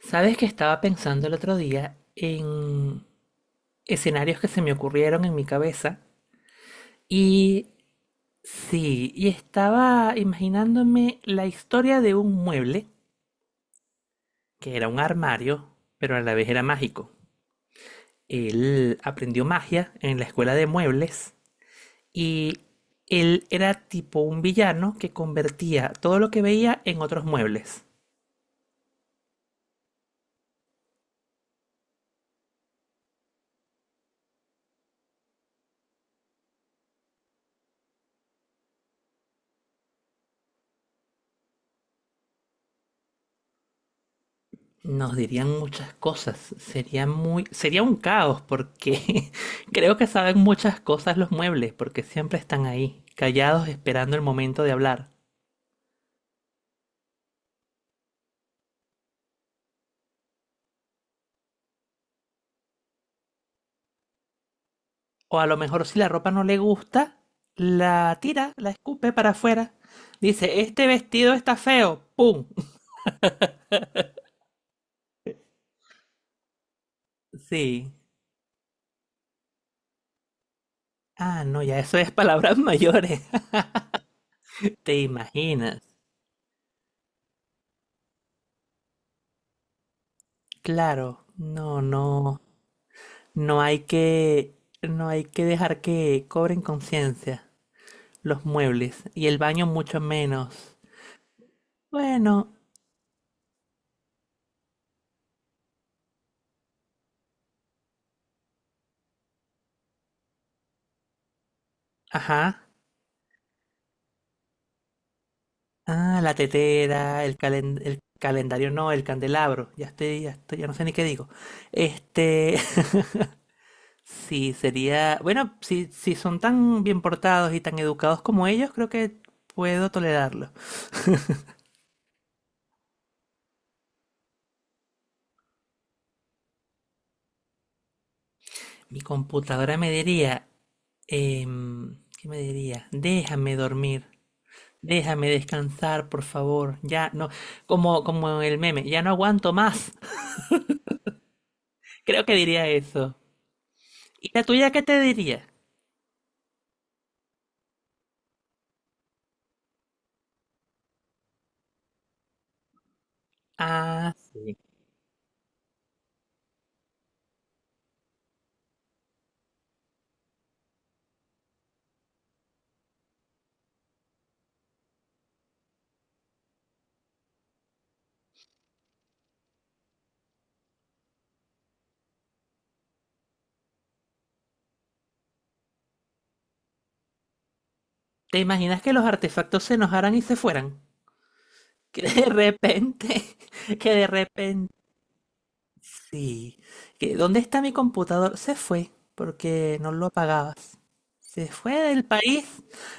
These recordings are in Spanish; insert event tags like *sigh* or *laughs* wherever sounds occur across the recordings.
Sabes que estaba pensando el otro día en escenarios que se me ocurrieron en mi cabeza y sí, y estaba imaginándome la historia de un mueble que era un armario, pero a la vez era mágico. Él aprendió magia en la escuela de muebles y él era tipo un villano que convertía todo lo que veía en otros muebles. Nos dirían muchas cosas. Sería muy, sería un caos porque *laughs* creo que saben muchas cosas los muebles, porque siempre están ahí, callados esperando el momento de hablar. O a lo mejor si la ropa no le gusta, la tira, la escupe para afuera. Dice, este vestido está feo. ¡Pum! *laughs* Sí. Ah, no, ya eso es palabras *laughs* mayores. ¿Te imaginas? Claro, no, no, no hay que, no hay que dejar que cobren conciencia. Los muebles y el baño mucho menos. Bueno, ajá. Ah, la tetera, el calendario no, el candelabro. Ya estoy, ya no sé ni qué digo. Este, *laughs* sí, sería, bueno, si, si son tan bien portados y tan educados como ellos, creo que puedo tolerarlo. *laughs* Mi computadora me diría, ¿qué me diría? Déjame dormir, déjame descansar, por favor. Ya, no, como, como el meme, ya no aguanto más. Creo que diría eso. ¿Y la tuya qué te diría? Ah, sí. ¿Te imaginas que los artefactos se enojaran y se fueran? *laughs* Que de repente, *laughs* que de repente, sí. Que, ¿dónde está mi computador? Se fue porque no lo apagabas. Se fue del país.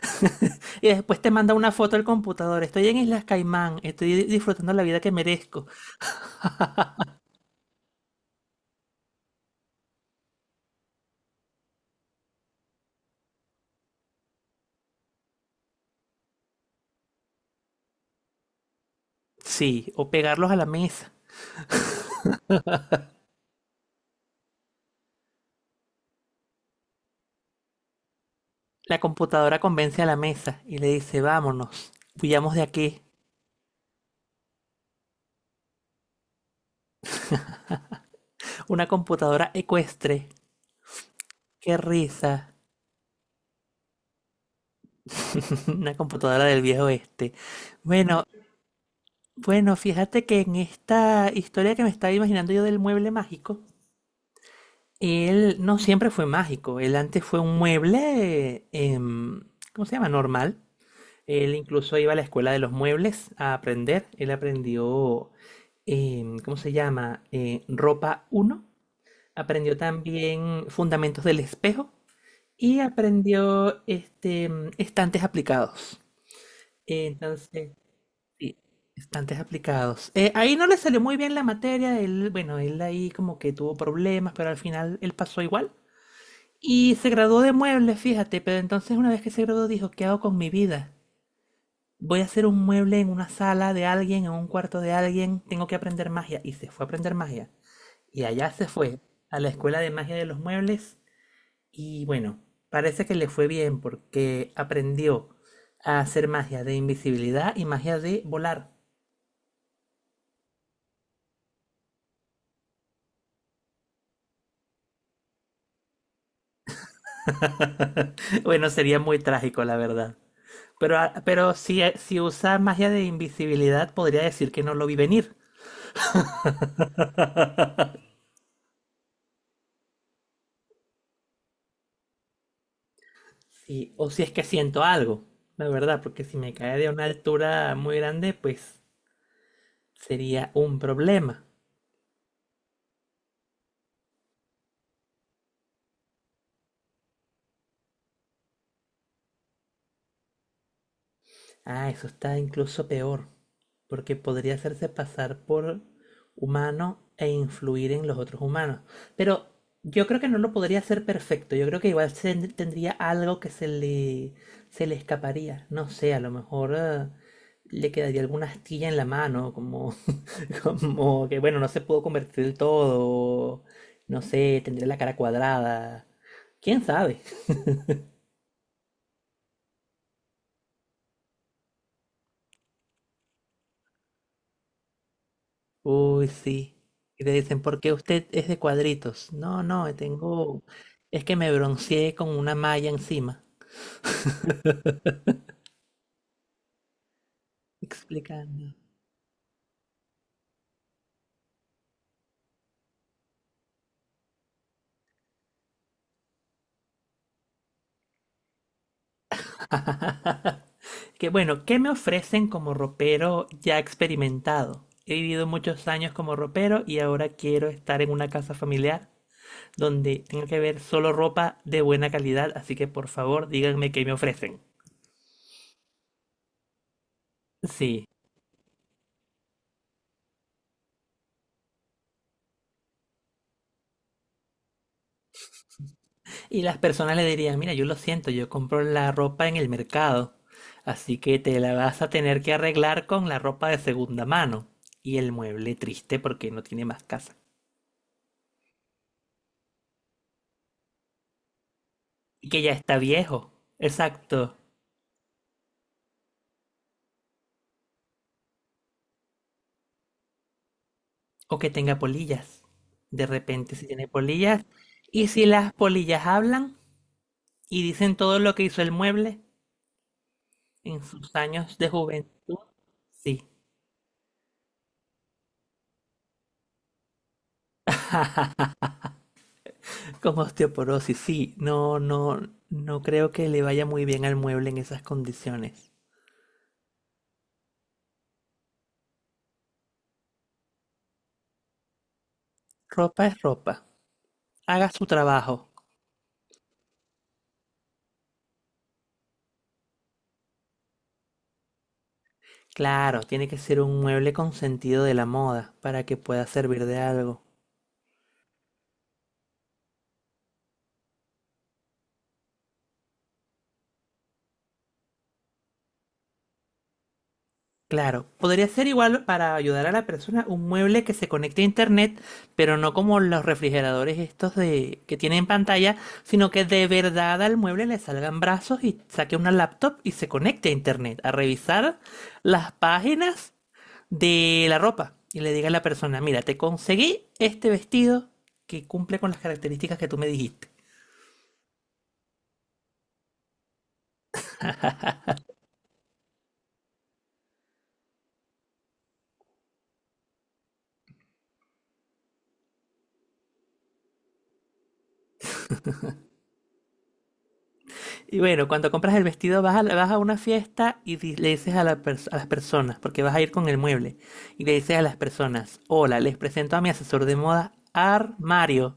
*laughs* Y después te manda una foto del computador. Estoy en Islas Caimán, estoy disfrutando la vida que merezco. Sí, o pegarlos a la mesa. La computadora convence a la mesa y le dice, vámonos, huyamos de aquí. Una computadora ecuestre. Qué risa. *laughs* Una computadora del viejo oeste. Bueno, bueno, fíjate que en esta historia que me estaba imaginando yo del mueble mágico, él no siempre fue mágico. Él antes fue un mueble, ¿cómo se llama? Normal. Él incluso iba a la escuela de los muebles a aprender. Él aprendió, ¿cómo se llama? Ropa uno. Aprendió también fundamentos del espejo. Y aprendió este, estantes aplicados. Entonces, sí, estantes aplicados. Ahí no le salió muy bien la materia, él, bueno, él ahí como que tuvo problemas, pero al final él pasó igual. Y se graduó de muebles, fíjate, pero entonces una vez que se graduó dijo, ¿qué hago con mi vida? Voy a hacer un mueble en una sala de alguien, en un cuarto de alguien, tengo que aprender magia. Y se fue a aprender magia. Y allá se fue, a la escuela de magia de los muebles. Y bueno, parece que le fue bien porque aprendió a hacer magia de invisibilidad y magia de volar. *laughs* Bueno, sería muy trágico, la verdad. Pero, pero si, si usa magia de invisibilidad, podría decir que no lo vi venir. Sí, o si es que siento algo, la verdad, porque si me cae de una altura muy grande, pues sería un problema. Ah, eso está incluso peor, porque podría hacerse pasar por humano e influir en los otros humanos. Pero yo creo que no lo podría hacer perfecto. Yo creo que igual tendría algo que se le escaparía. No sé, a lo mejor le quedaría alguna astilla en la mano, como, *laughs* como que, bueno, no se pudo convertir del todo. No sé, tendría la cara cuadrada. ¿Quién sabe? Uy, sí. Y te dicen, ¿por qué usted es de cuadritos? No, no, tengo... Es que me bronceé con una malla encima. Explicando. Que bueno, ¿qué me ofrecen como ropero ya experimentado? He vivido muchos años como ropero y ahora quiero estar en una casa familiar donde tenga que ver solo ropa de buena calidad, así que por favor díganme qué me ofrecen. Sí. Y las personas le dirían, mira, yo lo siento, yo compro la ropa en el mercado, así que te la vas a tener que arreglar con la ropa de segunda mano y el mueble triste porque no tiene más casa. Y que ya está viejo, exacto, o que tenga polillas. De repente si tiene polillas, y si las polillas hablan y dicen todo lo que hizo el mueble en sus años de juventud, sí, como osteoporosis, sí, no, no, no creo que le vaya muy bien al mueble en esas condiciones. Ropa es ropa. Haga su trabajo. Claro, tiene que ser un mueble con sentido de la moda para que pueda servir de algo. Claro, podría ser igual para ayudar a la persona un mueble que se conecte a internet, pero no como los refrigeradores estos de que tienen pantalla, sino que de verdad al mueble le salgan brazos y saque una laptop y se conecte a internet a revisar las páginas de la ropa y le diga a la persona, mira, te conseguí este vestido que cumple con las características que tú me dijiste. Y bueno, cuando compras el vestido vas a, vas a una fiesta y le dices a, a las personas, porque vas a ir con el mueble, y le dices a las personas, hola, les presento a mi asesor de moda, Armario.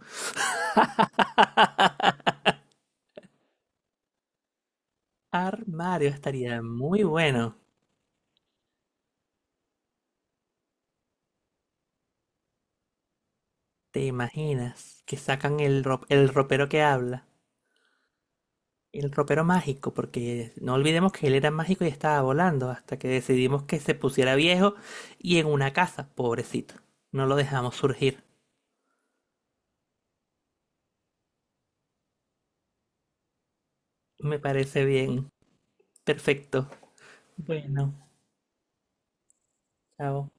Armario estaría muy bueno. ¿Te imaginas que sacan el, el ropero que habla? El ropero mágico, porque no olvidemos que él era mágico y estaba volando hasta que decidimos que se pusiera viejo y en una casa, pobrecito. No lo dejamos surgir. Me parece bien. Perfecto. Bueno, chao.